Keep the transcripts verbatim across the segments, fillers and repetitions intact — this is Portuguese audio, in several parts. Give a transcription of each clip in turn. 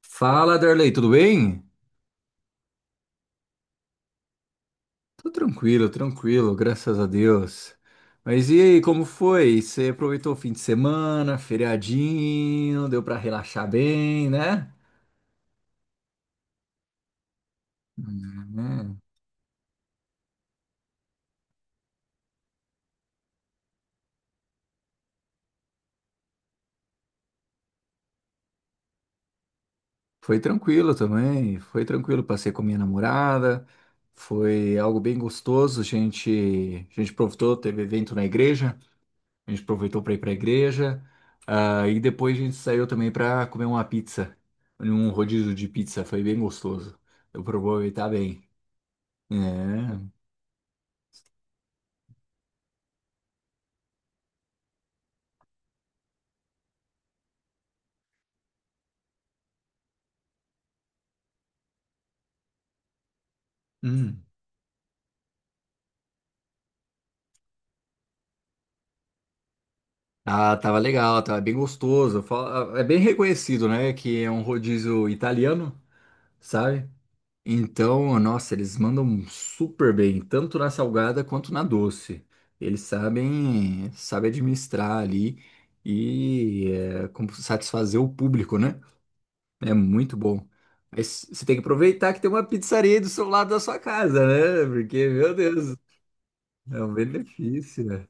Fala, Darley, tudo bem? Tô tranquilo, tranquilo, graças a Deus. Mas e aí, como foi? Você aproveitou o fim de semana, feriadinho, deu pra relaxar bem, né? Uhum. Foi tranquilo também, foi tranquilo, passei com minha namorada, foi algo bem gostoso, a gente, a gente aproveitou, teve evento na igreja. A gente aproveitou para ir para a igreja. Ah, e depois a gente saiu também para comer uma pizza. Um rodízio de pizza. Foi bem gostoso. Eu aproveitar bem. É. Hum. Ah, tava legal, tava bem gostoso. Fa- É bem reconhecido, né? Que é um rodízio italiano, sabe? Então, nossa, eles mandam super bem, tanto na salgada quanto na doce. Eles sabem, sabem administrar ali e é, como satisfazer o público, né? É muito bom. Mas você tem que aproveitar que tem uma pizzaria aí do seu lado da sua casa, né? Porque, meu Deus, é um benefício, né?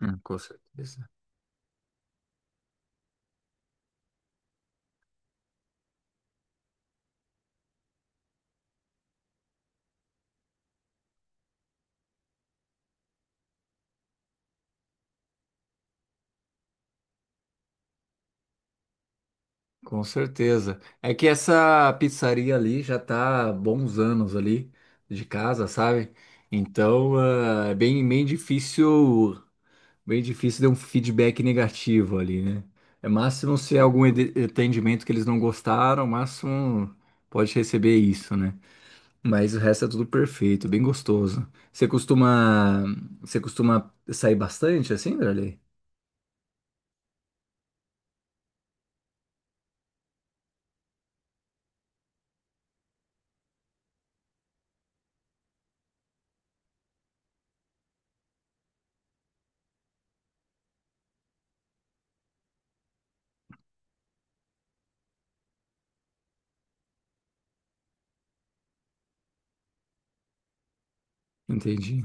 Hum, com certeza. Com certeza. É que essa pizzaria ali já tá há bons anos ali de casa, sabe? Então, ah, é bem, bem difícil, bem difícil dar um feedback negativo ali, né? É máximo se é algum ede- atendimento que eles não gostaram, máximo pode receber isso, né? Mas o resto é tudo perfeito, bem gostoso. Você costuma, Você costuma sair bastante assim, Darley? Entendi.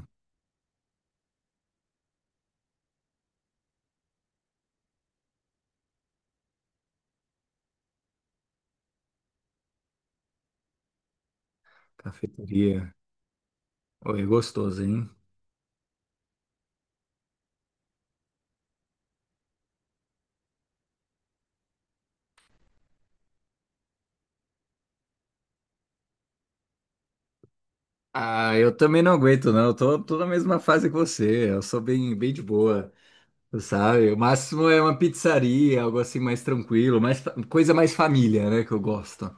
Cafeteria. Oi, é gostoso, hein? Ah, eu também não aguento, não. Eu tô, tô na mesma fase que você. Eu sou bem, bem de boa. Sabe? O máximo é uma pizzaria, algo assim mais tranquilo, mais, fa- coisa mais família, né? Que eu gosto,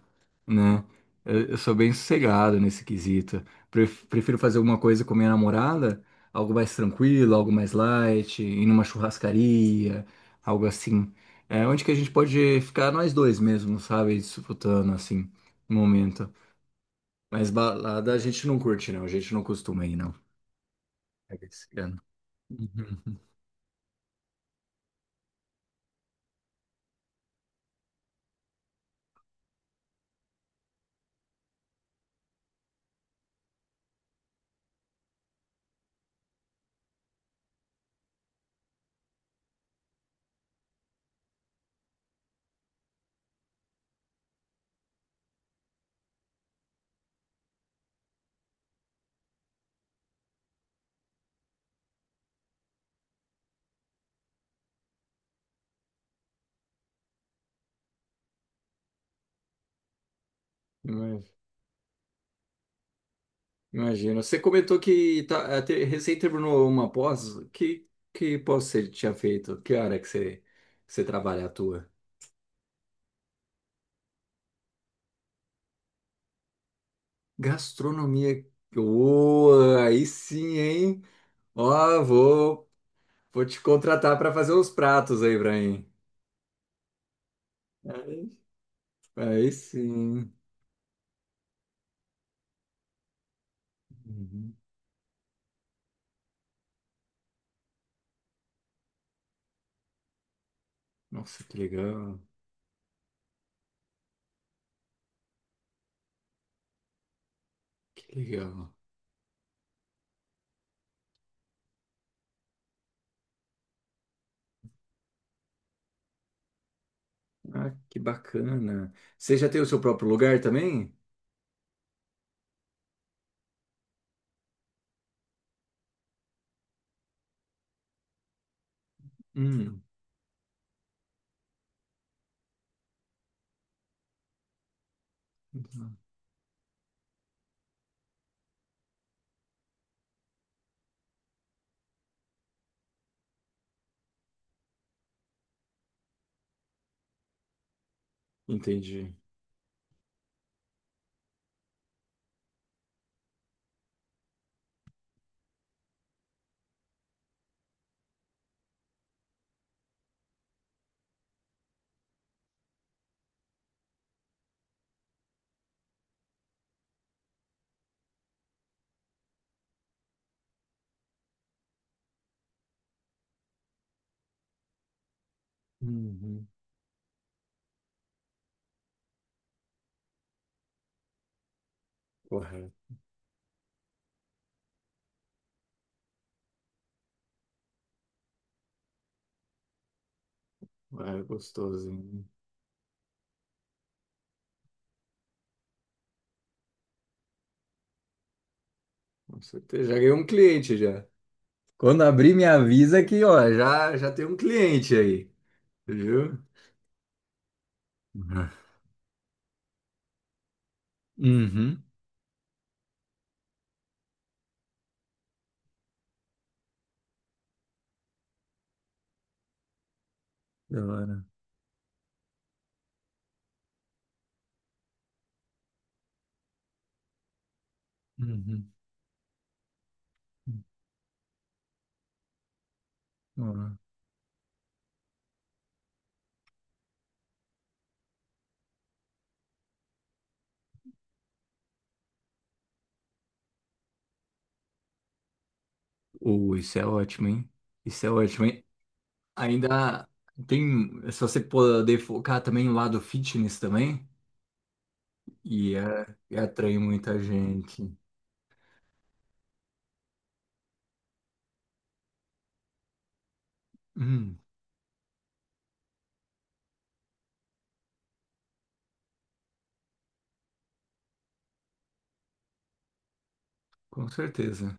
né? Eu, eu sou bem sossegado nesse quesito. Pref- Prefiro fazer alguma coisa com minha namorada, algo mais tranquilo, algo mais light, ir numa churrascaria, algo assim. É onde que a gente pode ficar nós dois mesmo, sabe? Disputando, assim, no momento. Mas balada a gente não curte, não. A gente não costuma ir, não. É que esse ano. Uhum. Imagino. Você comentou que tá, eh, te- recém terminou uma pós. Que, que pós você tinha feito? Que área que você, que você trabalha, atua? Gastronomia. Ô, aí sim, hein? Ó, vou, Vou te contratar para fazer uns pratos aí pra mim. Aí, aí sim. Uhum. Nossa, que legal. Que legal. Ah, que bacana. Você já tem o seu próprio lugar também? Hum, entendi. Uhum. Correto. É gostosinho, com certeza. Já ganhei um cliente já. Quando abrir, me avisa que, ó, já, já tem um cliente aí, viu? Uhum. Uhum. Da hora. Uhum. Uhum. Uh, isso é ótimo, hein? Isso é ótimo, hein? Ainda tem, se você poder focar também no lado fitness também, e, é, e atrai muita gente. Hum, com certeza.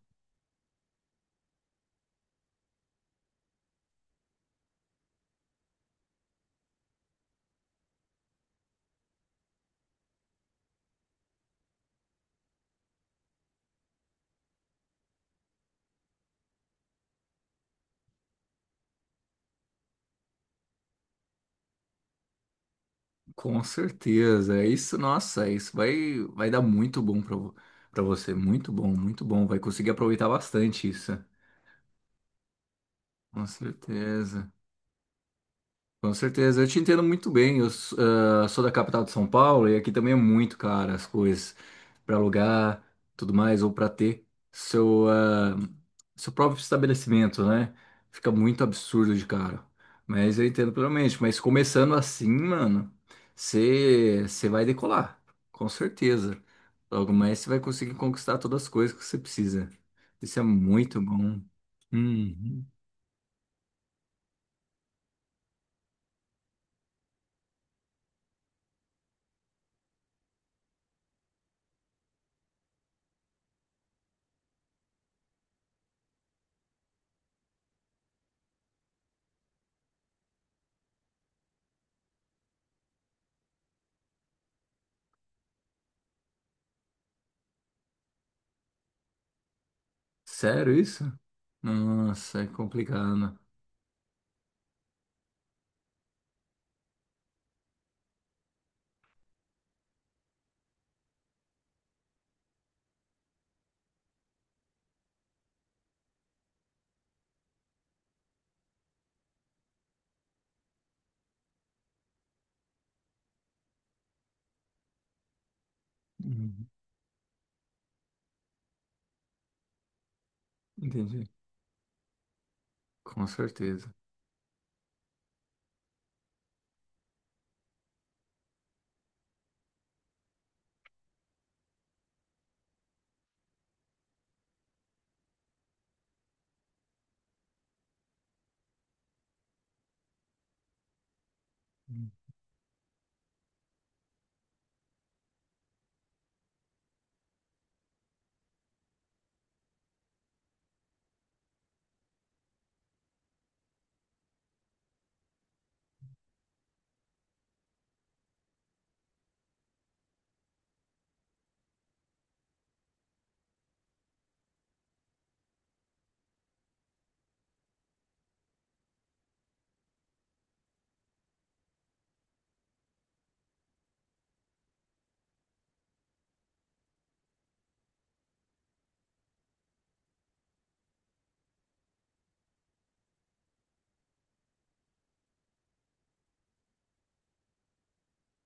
Com certeza. É isso, nossa, é isso vai, vai dar muito bom pra, vo- pra você. Muito bom, muito bom. Vai conseguir aproveitar bastante isso. Com certeza. Com certeza, eu te entendo muito bem. Eu s- ah, sou da capital de São Paulo e aqui também é muito caro as coisas para alugar, tudo mais, ou para ter seu, ah, seu próprio estabelecimento, né? Fica muito absurdo de caro. Mas eu entendo plenamente. Mas começando assim, mano, você você vai decolar, com certeza. Logo mais você vai conseguir conquistar todas as coisas que você precisa. Isso é muito bom. Uhum. Sério isso? Nossa, é complicado. Uhum. Entendi. Com certeza.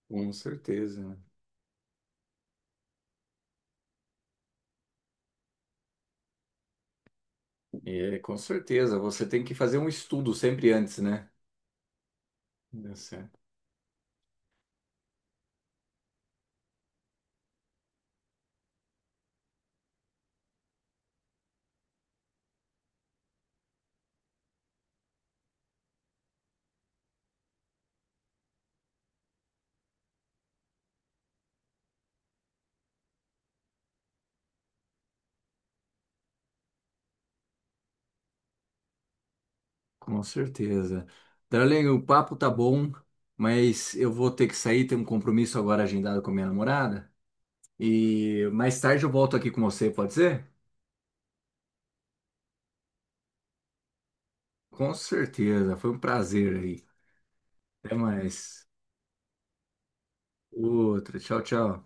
Com certeza. Né? E é, com certeza, você tem que fazer um estudo sempre antes, né? Deu certo. Com certeza. Darlene, o papo tá bom, mas eu vou ter que sair, tenho um compromisso agora agendado com a minha namorada. E mais tarde eu volto aqui com você, pode ser? Com certeza. Foi um prazer aí. Até mais. Outra. Tchau, tchau.